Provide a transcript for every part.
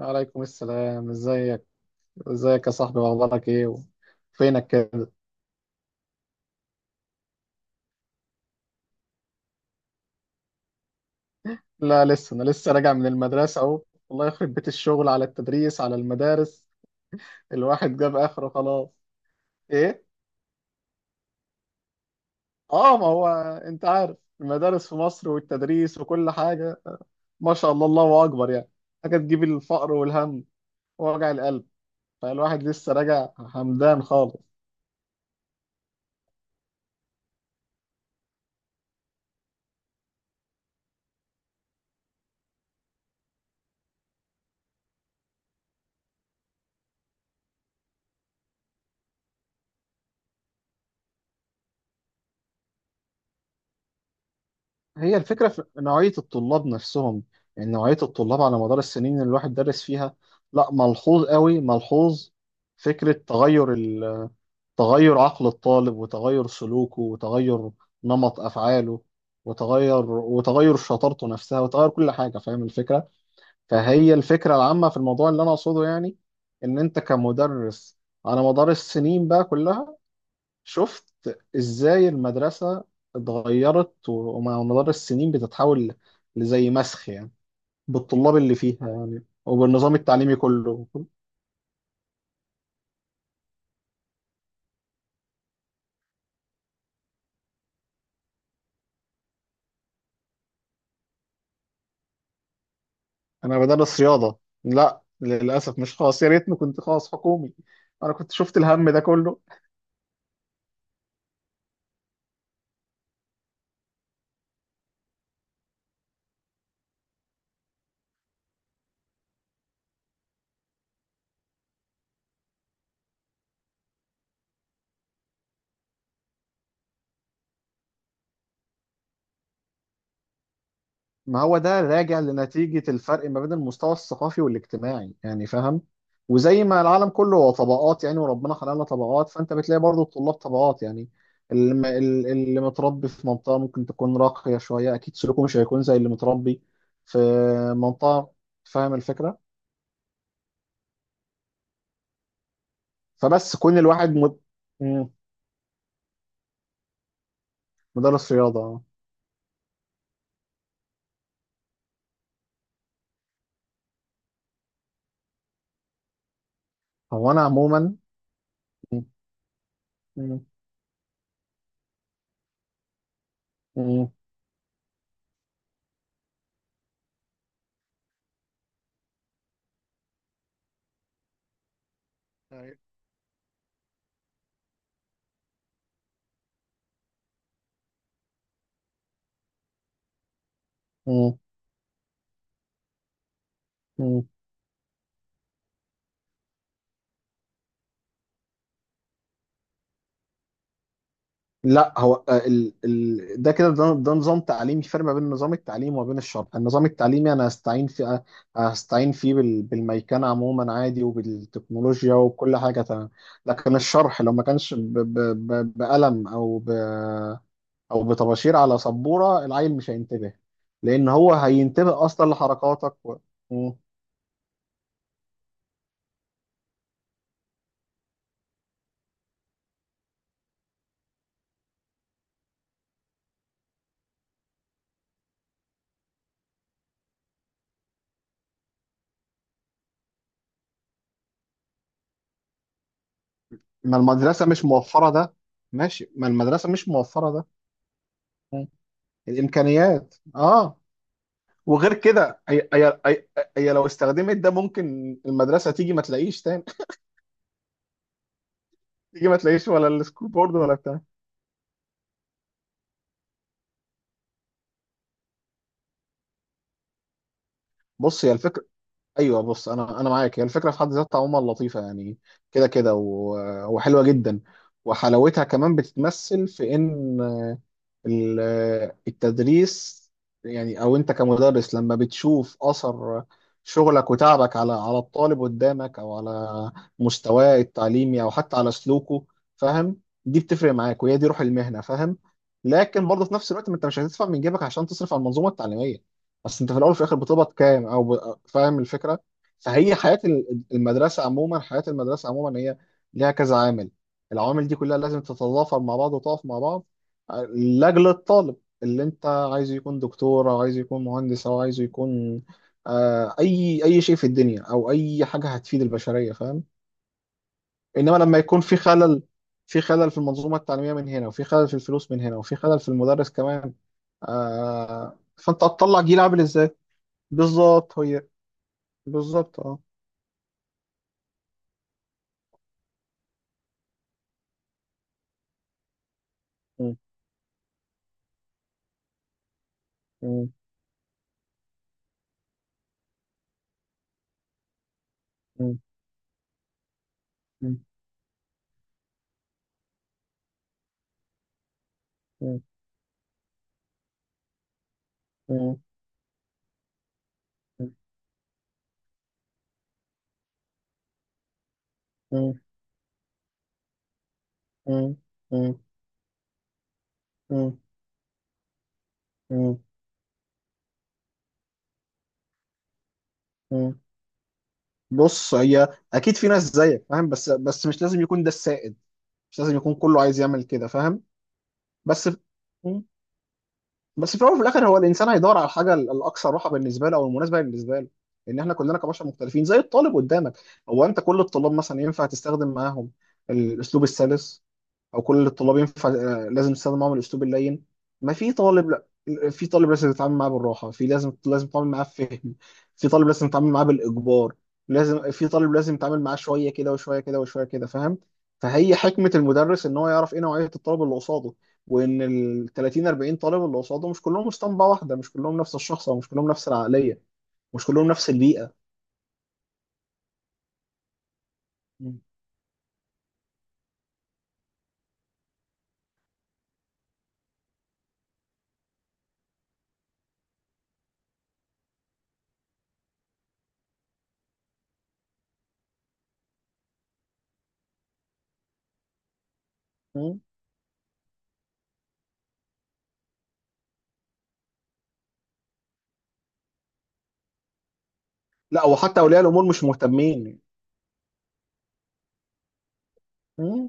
عليكم السلام. ازيك يا صاحبي، واخبارك ايه فينك كده؟ لا، لسه انا لسه راجع من المدرسه اهو. الله يخرب بيت الشغل على التدريس، على المدارس. الواحد جاب اخره خلاص. ايه. اه، ما هو انت عارف المدارس في مصر والتدريس وكل حاجه. ما شاء الله، الله اكبر يعني. حاجه تجيب الفقر والهم ووجع القلب. فالواحد لسه راجع همدان خالص. هي الفكرة في نوعية الطلاب نفسهم. يعني نوعية الطلاب على مدار السنين اللي الواحد درس فيها، لا، ملحوظ قوي ملحوظ. فكرة تغير تغير عقل الطالب، وتغير سلوكه، وتغير نمط أفعاله، وتغير، وتغير شطارته نفسها، وتغير كل حاجة. فاهم الفكرة؟ فهي الفكرة العامة في الموضوع اللي أنا أقصده، يعني إن أنت كمدرس، على مدار السنين بقى كلها، شفت ازاي المدرسة اتغيرت ومع مدار السنين بتتحول لزي مسخ يعني، بالطلاب اللي فيها يعني، وبالنظام التعليمي كله. انا بدرس رياضة. لا، للأسف مش خاص، يا ريتني كنت خاص حكومي. انا كنت شفت الهم ده كله. ما هو ده راجع لنتيجة الفرق ما بين المستوى الثقافي والاجتماعي يعني، فاهم؟ وزي ما العالم كله هو طبقات يعني، وربنا خلقنا طبقات، فانت بتلاقي برضو الطلاب طبقات يعني. اللي متربي في منطقة ممكن تكون راقية شوية، اكيد سلوكه مش هيكون زي اللي متربي في منطقة. فاهم الفكرة؟ فبس كون الواحد مم، مدرس رياضة آه. هو انا عموما. مم، مم، أيوة. مم. لا، هو آه، ده كده، ده نظام تعليمي. فرق ما بين نظام التعليم وبين الشرع. النظام التعليمي انا هستعين فيه بالميكنه عموما عادي، وبالتكنولوجيا وكل حاجه تمام. لكن الشرح لو ما كانش بقلم او بطباشير على سبوره، العيل مش هينتبه. لان هو هينتبه اصلا لحركاتك م. ما المدرسه مش موفره ده. ماشي، ما المدرسه مش موفره ده. م. الامكانيات اه. وغير كده، هي لو استخدمت ده ممكن المدرسه تيجي ما تلاقيش تاني. تيجي ما تلاقيش ولا السكول بورد ولا بتاع. بص، هي الفكره. ايوه، بص، انا معاك، هي الفكره في حد ذاتها عموما لطيفه يعني، كده كده وحلوه جدا. وحلاوتها كمان بتتمثل في ان ال- التدريس، يعني او انت كمدرس لما بتشوف اثر شغلك وتعبك على الطالب قدامك، او على مستواه التعليمي او حتى على سلوكه، فاهم؟ دي بتفرق معاك، وهي دي روح المهنه، فاهم؟ لكن برضه في نفس الوقت، ما انت مش هتدفع من جيبك عشان تصرف على المنظومه التعليميه، بس انت في الاول وفي الاخر بتقبض كام؟ او فاهم الفكره؟ فهي حياه المدرسه عموما هي ليها كذا عامل. العوامل دي كلها لازم تتضافر مع بعض وتقف مع بعض لاجل الطالب، اللي انت عايزه يكون دكتور، او عايزه يكون مهندس، او عايزه يكون آه، اي اي شيء في الدنيا او اي حاجه هتفيد البشريه، فاهم؟ انما لما يكون في خلل، في خلل في المنظومه التعليميه من هنا، وفي خلل في الفلوس من هنا، وفي خلل في المدرس كمان، آه، فانت هتطلع جيل عامل ازاي؟ بالظبط، هي بالظبط اه. م. م. م. م. م. م. م. م. م. م. م. م. بص، هي اكيد في ناس زيك، فاهم؟ بس مش لازم يكون ده السائد. مش لازم يكون كله عايز يعمل كده، فاهم؟ بس. مم. بس في الاول وفي الاخر هو الانسان هيدور على الحاجه الاكثر راحه بالنسبه له، او المناسبه بالنسبه له. ان احنا كلنا كبشر مختلفين، زي الطالب قدامك. هو انت كل الطلاب مثلا ينفع تستخدم معاهم الاسلوب السلس؟ او كل الطلاب ينفع آه، لازم تستخدم معاهم الاسلوب اللين؟ ما في طالب، لا. في طالب لازم تتعامل معاه بالراحه، في لازم تتعامل معاه بفهم، في طالب لازم تتعامل معاه بالاجبار، لازم، في طالب لازم تتعامل معاه شويه كده وشويه كده وشويه كده، فاهم؟ فهي حكمه المدرس ان هو يعرف ايه نوعيه الطالب اللي قصاده، وان ال 30 40 طالب اللي قصاده مش كلهم اسطمبه واحده، مش كلهم نفس الشخص او مش كلهم نفس العقليه، مش كلهم نفس البيئه. م. م. لا، وحتى اولياء الامور مش مهتمين. م.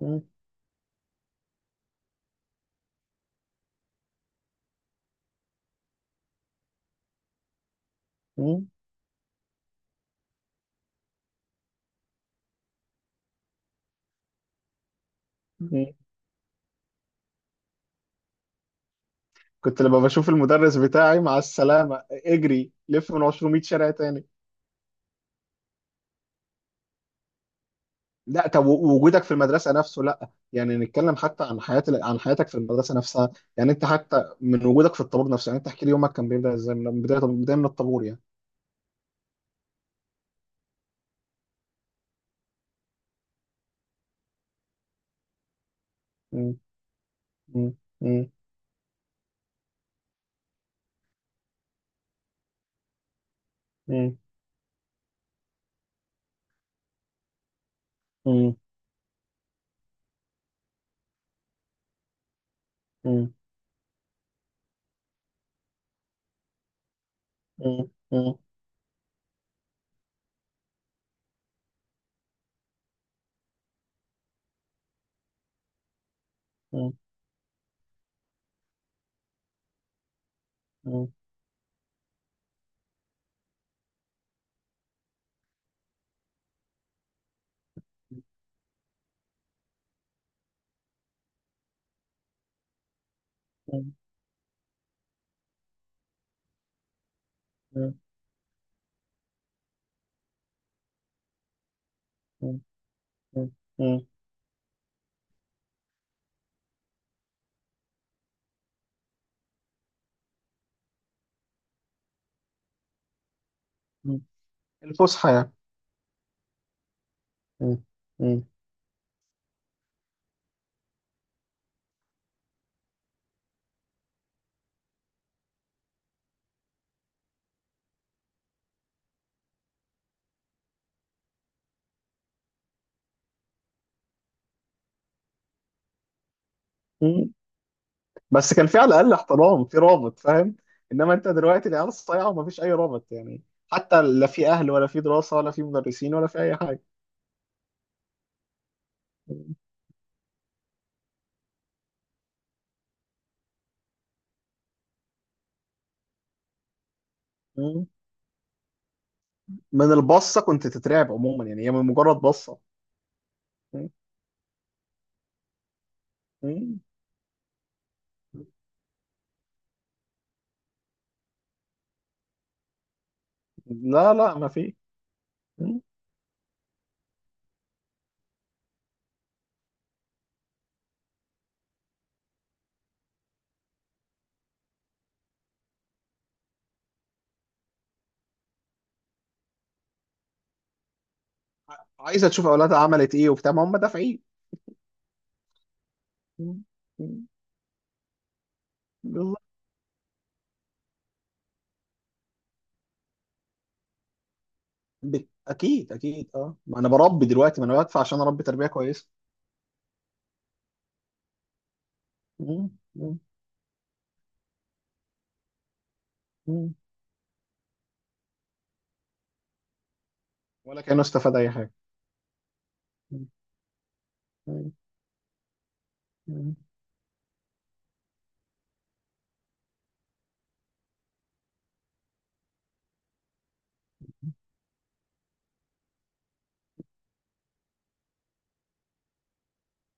م. م. كنت لما بشوف المدرس بتاعي مع السلامة، اجري لف من 200 شارع تاني. لا، طب وجودك في المدرسة نفسه، لا يعني، نتكلم حتى عن حياة، عن حياتك في المدرسة نفسها يعني. انت حتى من وجودك في الطابور نفسه يعني، انت احكي لي يومك كان بيبدأ ازاي، من بداية من الطابور يعني. م. م. م. م. م. م. م. م. م. م. م. م. م. م. الفسحة يعني. م. م. بس كان في على الاقل احترام، في رابط، فاهم؟ انما انت دلوقتي، العيال الصايعه ومفيش اي رابط يعني. حتى لا في اهل، ولا في دراسه، ولا في مدرسين، ولا في اي حاجه. مم. من البصه كنت تترعب عموما، يعني هي من مجرد بصه. مم. مم. لا لا، ما في. مم. عايزه تشوف اولادها عملت ايه وبتاع، ما هم دافعين. مم. مم. بالظبط. اكيد اكيد اه، ما انا بربي دلوقتي، ما انا بدفع عشان اربي تربيه كويسه. مم. مم. مم. ولا كانه استفاد اي حاجه. مم. مم.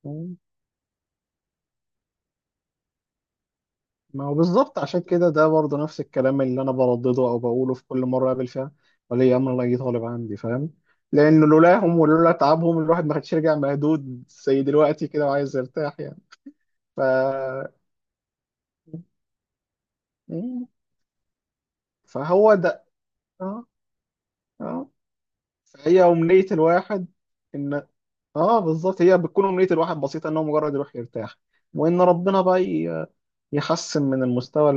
مم. ما هو بالظبط، عشان كده ده برضه نفس الكلام اللي انا بردده او بقوله في كل مره اقابل فيها ولي امر لا طالب عندي، فاهم؟ لان لولاهم ولولا تعبهم، الواحد ما كانش رجع مهدود زي دلوقتي كده وعايز يرتاح يعني. ف. مم. فهو ده. اه. اه. فهي امنيه الواحد ان، اه بالظبط، هي بتكون امنيه الواحد بسيطه ان هو مجرد يروح يرتاح، وان ربنا بقى يحسن من المستوى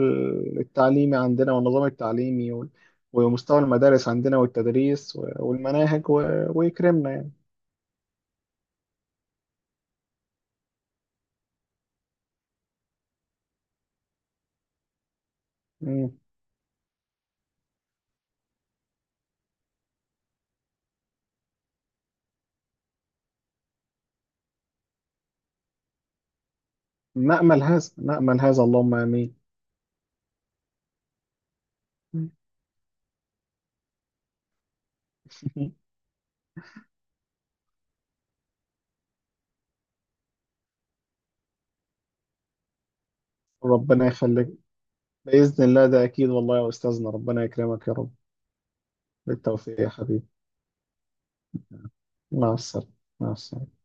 التعليمي عندنا، والنظام التعليمي، ومستوى المدارس عندنا، والتدريس والمناهج ويكرمنا يعني. مم. نأمل هذا، نأمل هذا، اللهم آمين. مم. ربنا يخليك. بإذن الله ده أكيد، والله يا أستاذنا ربنا يكرمك يا رب. بالتوفيق يا حبيبي. مع السلامة. مع السلامة.